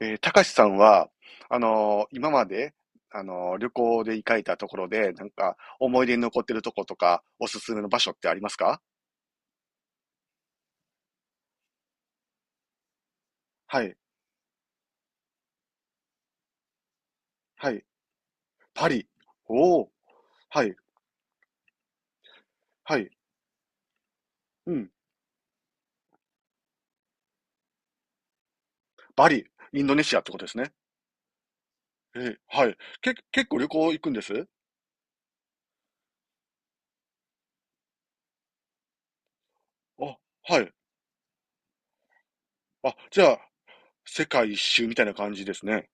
たかしさんは、今まで、旅行で行かれたところで、なんか、思い出に残ってるとことか、おすすめの場所ってありますか？はい、はい。パリ。おお、はい、はい。うん。バリ、インドネシアってことですね。はい。結構旅行行くんですあ、はい。あ、じゃあ、世界一周みたいな感じですね。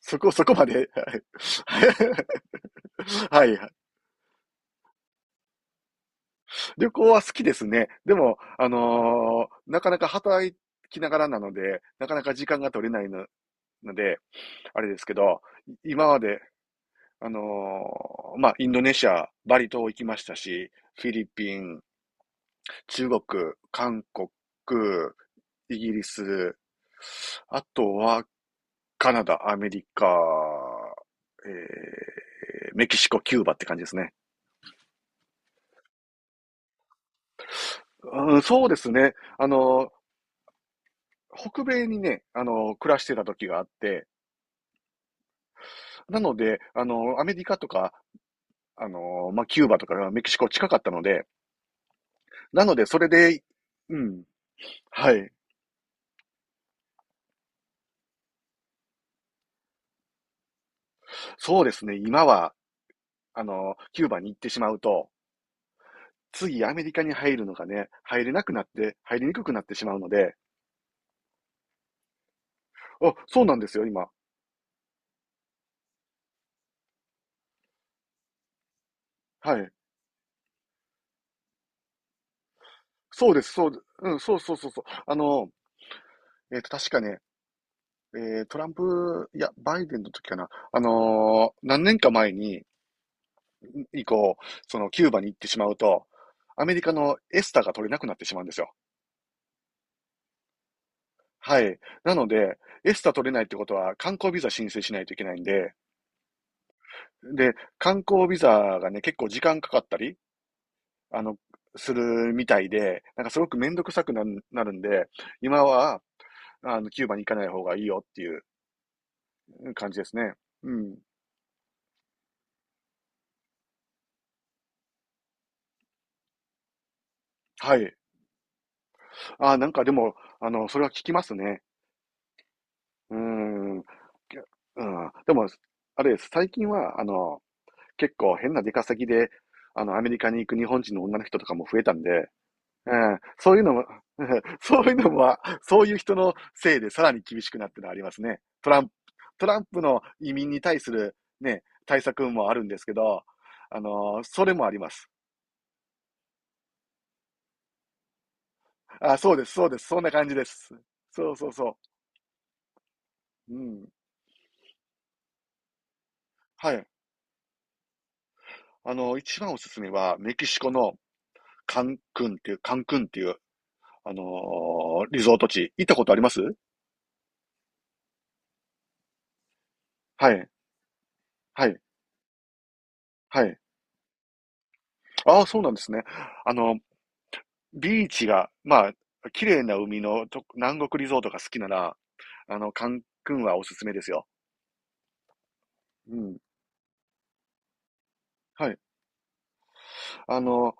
そこまで。はい。はい、はい。旅行は好きですね。でも、なかなか働きながらなので、なかなか時間が取れないので、あれですけど、今まで、あのまあ、インドネシア、バリ島行きましたし、フィリピン、中国、韓国、イギリス、あとは、カナダ、アメリカ、えーメキシコ、キューバって感じですね。うん、そうですね。北米にね、暮らしてた時があって、なので、アメリカとか、まあ、キューバとかメキシコ近かったので、それで、うん、はい。そうですね、今は、キューバに行ってしまうと、次アメリカに入るのがね、入れなくなって、入りにくくなってしまうので、あ、そうなんですよ、今。はい。そうです、そう、うん、そうそうそうそう。確かね、トランプ、いや、バイデンの時かな。何年か前に、以降、そのキューバに行ってしまうと、アメリカのエスタが取れなくなってしまうんですよ。はい。なので、エスタ取れないってことは観光ビザ申請しないといけないんで、で、観光ビザがね、結構時間かかったり、あの、するみたいで、なんかすごくめんどくさくなるんで、今は、キューバに行かない方がいいよっていう感じですね。うん。はい。あ、なんかでも、それは聞きますね。うーん。うん。でも、あれです。最近は、結構変な出稼ぎで、アメリカに行く日本人の女の人とかも増えたんで、うん、そういうのも、そういうのは、そういう人のせいでさらに厳しくなってるのはありますね。トランプの移民に対するね、対策もあるんですけど、あのそれもあります。あ、そうです、そうです、そんな感じです。そうそうそう。うん。はい。一番おすすめは、メキシコのカンクンっていう、カンクンっていう、リゾート地。行ったことありますはい、はい、はい。ああ、そうなんですね。あの、ビーチが、まあ、綺麗な海のと南国リゾートが好きなら、カンクンはおすすめですよ。うん。はい。あの、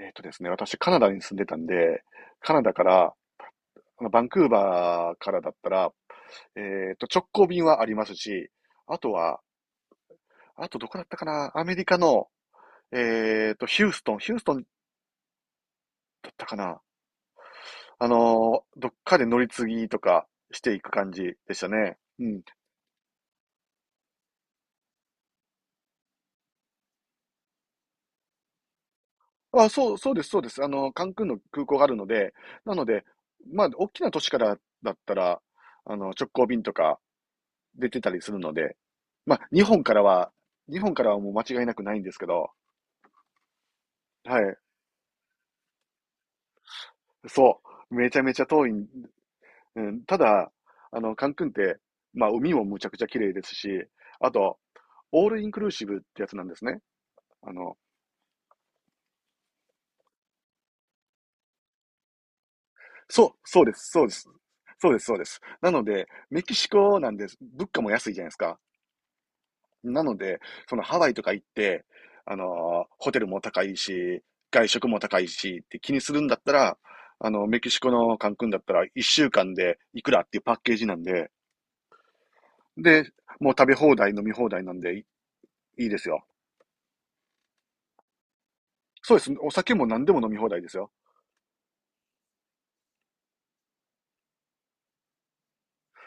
えっとですね、私カナダに住んでたんで、カナダから、バンクーバーからだったら、直行便はありますし、あとは、あとどこだったかな、アメリカの、ヒューストンだったかな、どっかで乗り継ぎとかしていく感じでしたね。うん。あ、そう、そうです、そうです。カンクンの空港があるので、なので、まあ、大きな都市からだったら、直行便とか出てたりするので、まあ、日本からはもう間違いなくないんですけど、はい、そう、めちゃめちゃ遠いん、うん、ただ、カンクンって、まあ、海もむちゃくちゃ綺麗ですし、あと、オールインクルーシブってやつなんですね。あの、そう、そうです、そうです。そうです、そうです。なので、メキシコなんです。物価も安いじゃないですか。なので、そのハワイとか行って、あのホテルも高いし、外食も高いしって気にするんだったら、メキシコのカンクンだったら1週間でいくらっていうパッケージなんで、で、もう食べ放題、飲み放題なんでいいですよ。そうです。お酒も何でも飲み放題ですよ。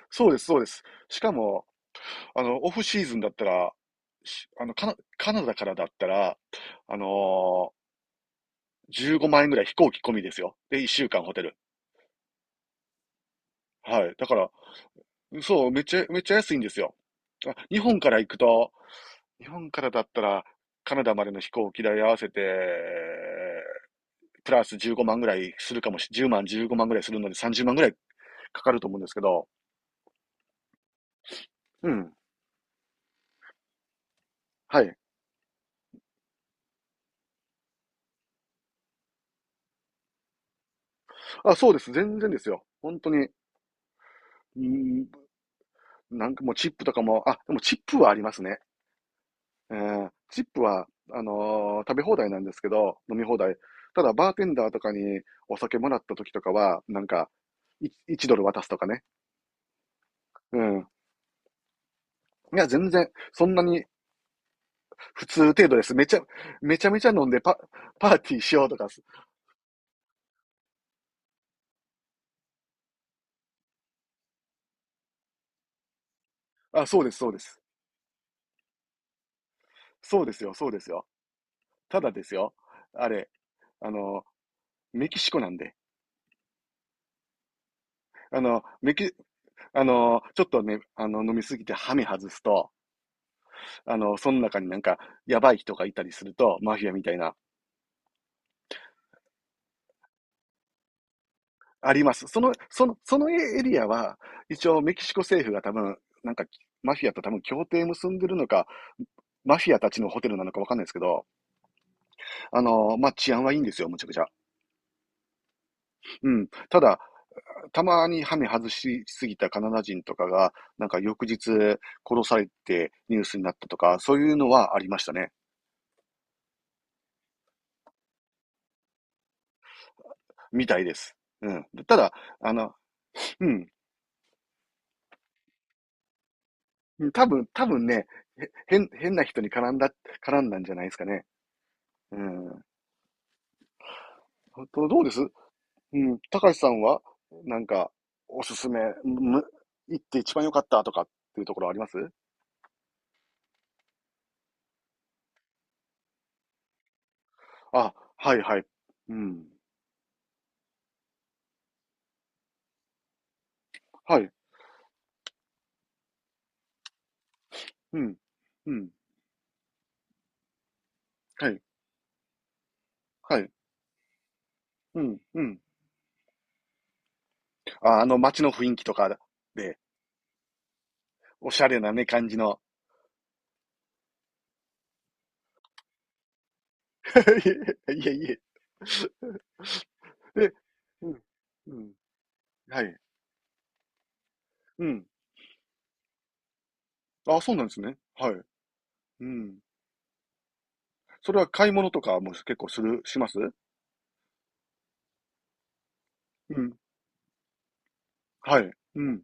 そうです、そうです。しかも、オフシーズンだったら、しあの、カナ、カナダからだったら、あの15万円ぐらい飛行機込みですよ。で、1週間ホテル。はい。だから、そう、めっちゃ、めっちゃ安いんですよ。あ、日本から行くと、日本からだったら、カナダまでの飛行機代合わせて、プラス15万ぐらいするかもし、10万、15万ぐらいするので30万ぐらいかかると思うんですけど、うん。はい。あ、そうです。全然ですよ。本当に、うーん、なんかもうチップとかも、あ、でもチップはありますね。チップは、食べ放題なんですけど、飲み放題。ただ、バーテンダーとかにお酒もらった時とかは、なんか、1ドル渡すとかね。うん。いや、全然、そんなに普通程度です。めちゃめちゃ飲んでパーティーしようとかす。あ、そうです、そうです。そうですよ、そうですよ。ただですよ。あれ、あの、メキシコなんで。あの、メキ、あの、ちょっとね、飲みすぎてハメ外すと、その中になんか、やばい人がいたりすると、マフィアみたいな、あります。そのエリアは、一応メキシコ政府が多分、なんか、マフィアと多分協定結んでるのか、マフィアたちのホテルなのかわかんないですけど、まあ、治安はいいんですよ、むちゃくちゃ。うん。ただ、たまにハメ外しすぎたカナダ人とかが、なんか翌日殺されてニュースになったとか、そういうのはありましたね。みたいです。うん。ただ、あの、うん。多分ね、変な人に絡んだ、んじゃないですかね。うん。本当どうですうん。高橋さんは、なんか、おすすめ、む、行って一番良かったとかっていうところありますあ、はいはい。うん。はい。うん。うん。はい。はい。うん。うん。あ、あの街の雰囲気とかで、おしゃれなね、感じの。いえいえいえ。で、うん。うん。はい。うん。あ、そうなんですね。はい。うん。それは買い物とかも結構しますうん。はい。うん。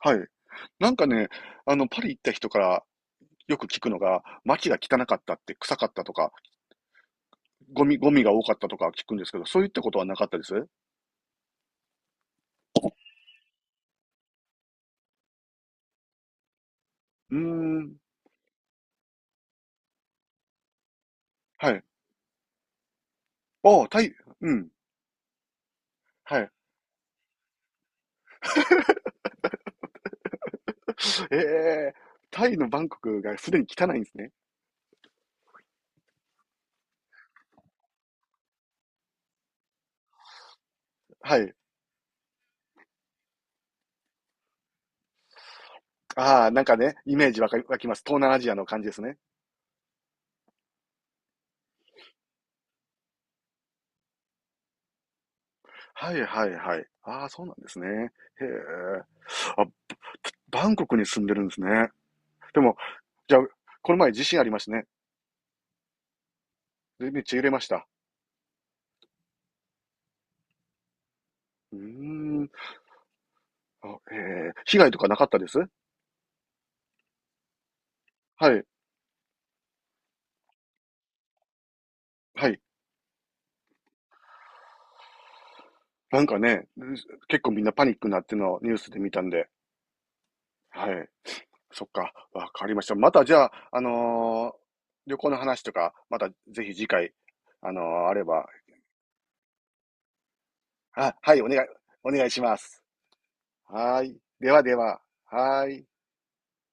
はい。なんかね、パリ行った人からよく聞くのが、街が汚かったって、臭かったとか、ゴミが多かったとか聞くんですけど、そういったことはなかったですうーん。はい。ああ、タイ、うん。はい。ええ、タイのバンコクがすでに汚いんですね。はい。ああ、なんかね、イメージわかり、湧きます。東南アジアの感じですね。はいはいはい。ああ、そうなんですね。へえ。あ、バンコクに住んでるんですね。でも、じゃあ、この前地震ありましたね。でめっちゃ揺れました。うーん。あ、ええ、被害とかなかったですはい。はい。なんかね、結構みんなパニックになってるのをニュースで見たんで。はい。そっか、わかりました。またじゃあ、旅行の話とか、またぜひ次回、あれば、あ、はい、お願いします。はーい。ではでは、はーい。